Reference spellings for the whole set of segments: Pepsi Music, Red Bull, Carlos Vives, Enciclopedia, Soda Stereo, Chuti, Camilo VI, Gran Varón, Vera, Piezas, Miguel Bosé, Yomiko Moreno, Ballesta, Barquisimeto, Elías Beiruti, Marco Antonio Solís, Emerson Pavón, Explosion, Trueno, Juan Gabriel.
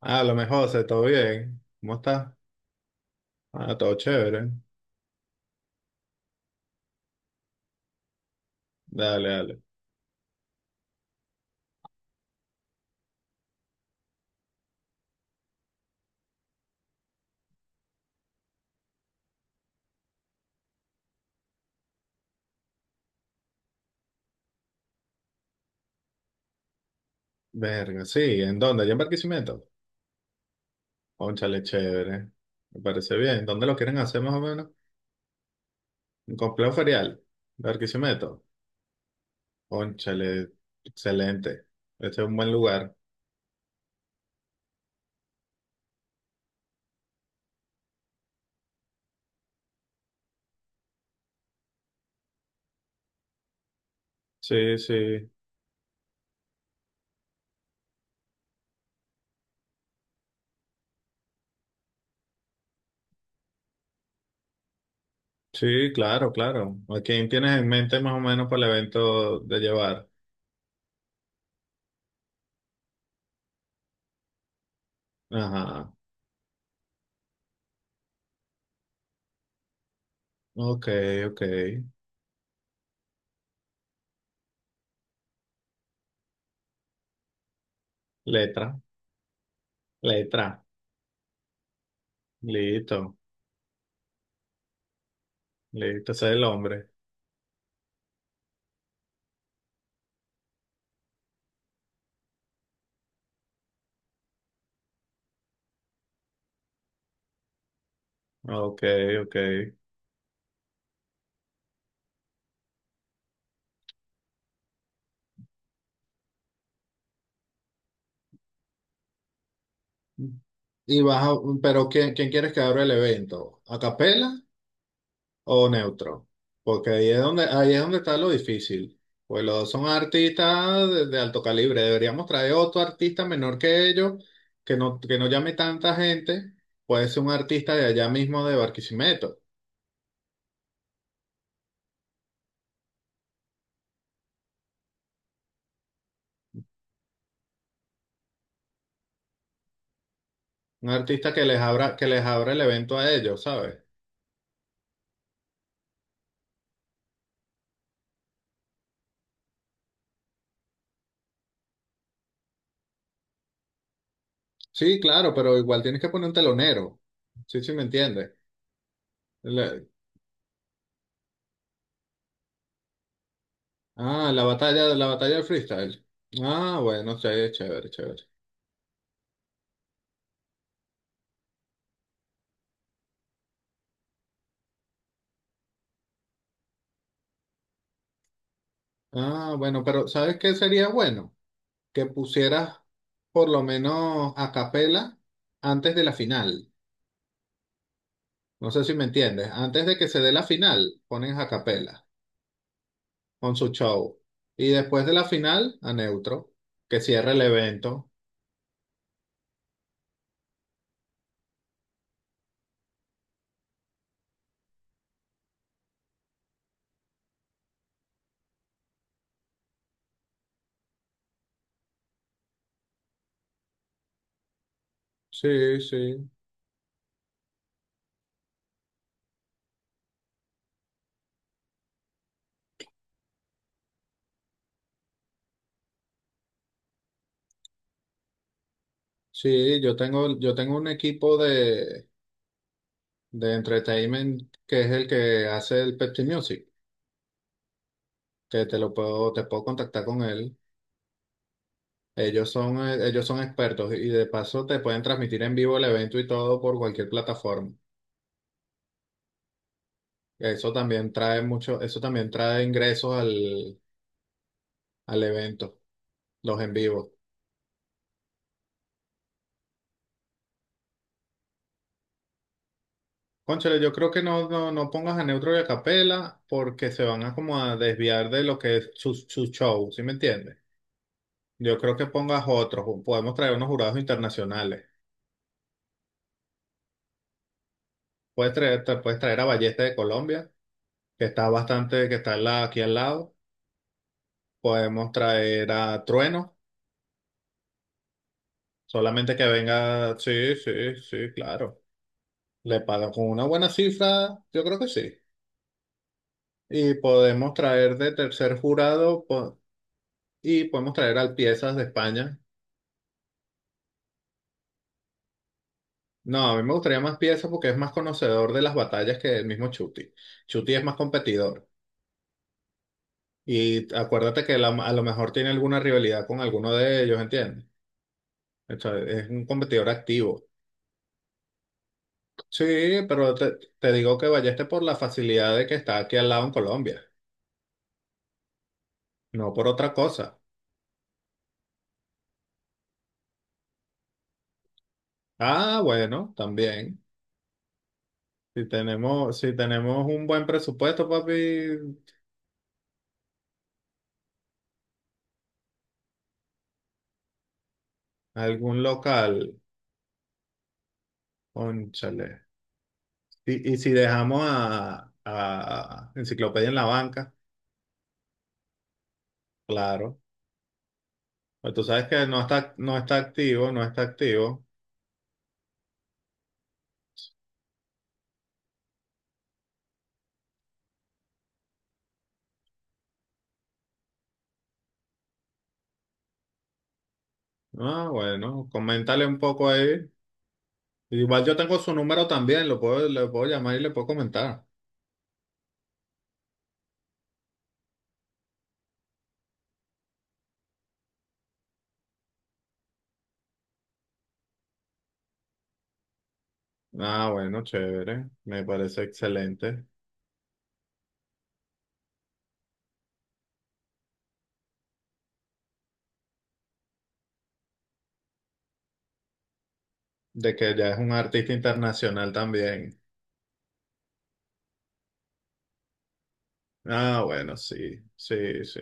Ah, lo mejor, José, ¿todo bien? ¿Cómo estás? Ah, todo chévere. Dale, dale. Verga, sí, ¿en dónde? ¿Ya en Barquisimeto? Cónchale, chévere. Me parece bien. ¿Dónde lo quieren hacer más o menos? Un complejo ferial. Barquisimeto. Cónchale, excelente. Este es un buen lugar. Sí, sí. Sí, claro, claro. ¿A quién tienes en mente más o menos para el evento de llevar? Ajá. Ok, ok. Letra, letra. Listo, listo. Ese es el hombre. Ok, ok. Y vas a- pero ¿quién, quién quieres que abra el evento? ¿A capela o neutro? Porque ahí es donde está lo difícil. Pues los dos son artistas de alto calibre. Deberíamos traer otro artista menor que ellos, que no llame tanta gente. Puede ser un artista de allá mismo de Barquisimeto. Un artista que les abra el evento a ellos, ¿sabes? Sí, claro, pero igual tienes que poner un telonero. Sí, sí, me entiendes. Ah, la batalla del freestyle. Ah, bueno, sí, chévere, chévere. Ah, bueno, pero ¿sabes qué sería bueno? Que pusieras por lo menos a capela antes de la final. No sé si me entiendes. Antes de que se dé la final, ponen a capela con su show. Y después de la final, a neutro, que cierre el evento. Sí, sí. Sí, yo tengo un equipo de entertainment que es el que hace el Pepsi Music. Que te lo puedo, te puedo contactar con él. Ellos son expertos y de paso te pueden transmitir en vivo el evento y todo por cualquier plataforma. Eso también trae mucho, eso también trae ingresos al, al evento, los en vivo. Cónchale, yo creo que no, no, no pongas a Neutro y a Capela porque se van a como a desviar de lo que es su, su show, ¿sí me entiendes? Yo creo que pongas otros, podemos traer unos jurados internacionales. Puedes traer, te puedes traer a Ballesta de Colombia, que está bastante, que está al lado- aquí al lado. Podemos traer a Trueno, solamente que venga, sí, sí, sí, claro. Le pagan con una buena cifra, yo creo que sí. Y podemos traer de tercer jurado po- y podemos traer al Piezas de España. No, a mí me gustaría más Piezas porque es más conocedor de las batallas que el mismo Chuti. Chuti es más competidor. Y acuérdate que a lo mejor tiene alguna rivalidad con alguno de ellos, ¿entiendes? O sea, es un competidor activo. Sí, pero te digo que vayas por la facilidad de que está aquí al lado en Colombia, no por otra cosa. Ah, bueno, también. Si tenemos un buen presupuesto, papi, algún local, cónchale. Y si dejamos a Enciclopedia en la banca, claro. Pues tú sabes que no está, no está activo, no está activo. Ah, bueno, coméntale un poco ahí. Igual yo tengo su número también, lo puedo, le puedo llamar y le puedo comentar. Ah, bueno, chévere. Me parece excelente. De que ya es un artista internacional también. Ah, bueno, sí, sí, sí.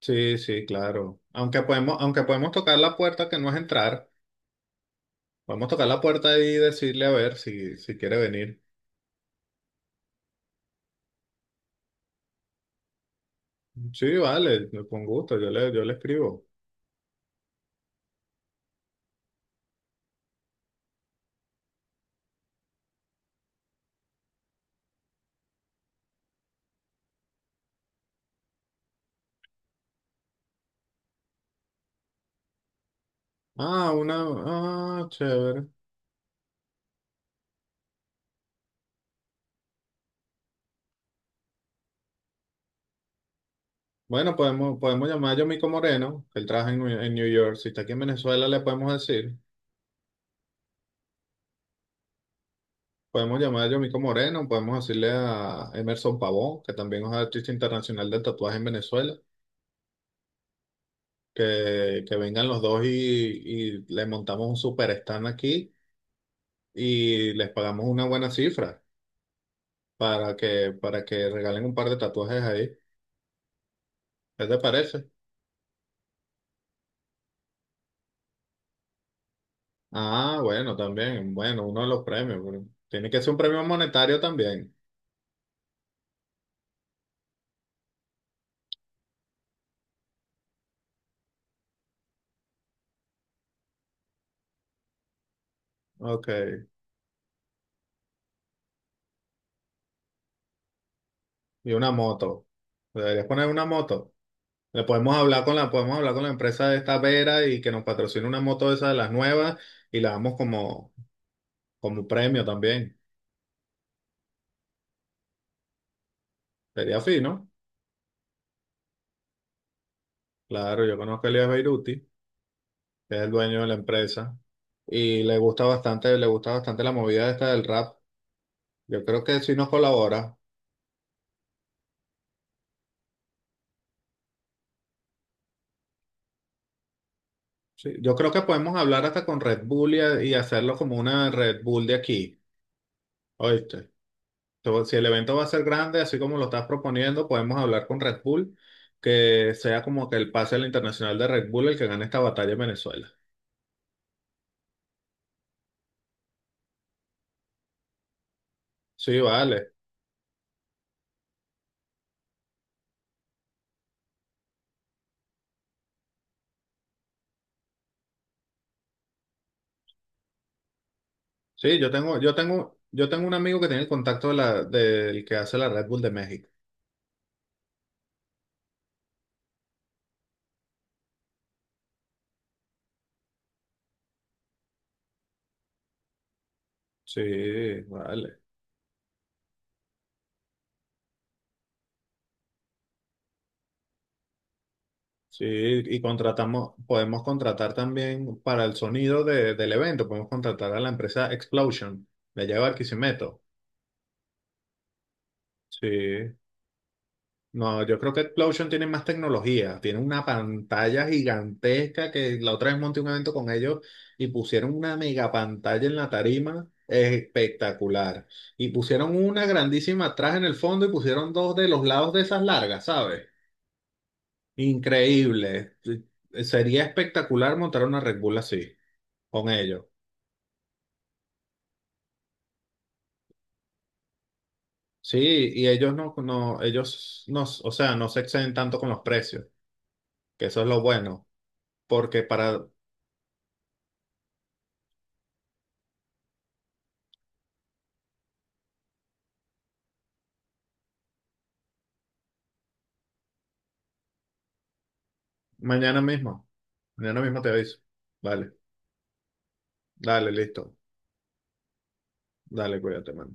Sí, sí, claro. Aunque podemos tocar la puerta que no es entrar. Podemos tocar la puerta y decirle a ver si, si quiere venir. Sí, vale, con gusto, yo le escribo. Ah, una, ah, chévere. Bueno, podemos, podemos llamar a Yomiko Moreno, que él trabaja en, en New York. Si está aquí en Venezuela, le podemos decir. Podemos llamar a Yomiko Moreno, podemos decirle a Emerson Pavón, que también es artista internacional del tatuaje en Venezuela, que vengan los dos y le montamos un super stand aquí y les pagamos una buena cifra para que regalen un par de tatuajes ahí. ¿Qué te parece? Ah, bueno, también, bueno, uno de los premios. Bueno, tiene que ser un premio monetario también. Ok, y una moto. Deberías poner una moto. Le podemos hablar con la, podemos hablar con la empresa de esta Vera y que nos patrocine una moto de esas de las nuevas y la damos como, como premio también. Sería fino. Claro, yo conozco a Elías Beiruti, que es el dueño de la empresa, y le gusta bastante la movida esta del rap. Yo creo que sí nos colabora. Sí, yo creo que podemos hablar hasta con Red Bull y hacerlo como una Red Bull de aquí. ¿Oíste? So, si el evento va a ser grande, así como lo estás proponiendo, podemos hablar con Red Bull, que sea como que el pase al internacional de Red Bull el que gane esta batalla en Venezuela. Sí, vale. Sí, yo tengo un amigo que tiene el contacto de la, del que hace la Red Bull de México. Sí, vale. Sí, y contratamos, podemos contratar también para el sonido del evento, podemos contratar a la empresa Explosion, de allá de Barquisimeto. Sí. No, yo creo que Explosion tiene más tecnología, tiene una pantalla gigantesca que la otra vez monté un evento con ellos y pusieron una mega pantalla en la tarima espectacular. Y pusieron una grandísima atrás en el fondo y pusieron dos de los lados de esas largas, ¿sabes? Increíble. Sí, sería espectacular montar una Red Bull así, con ellos. Sí, y ellos no, no, ellos no, o sea, no se exceden tanto con los precios, que eso es lo bueno porque para, mañana mismo. Mañana mismo te aviso. Dale, dale, listo. Dale, cuídate, mano.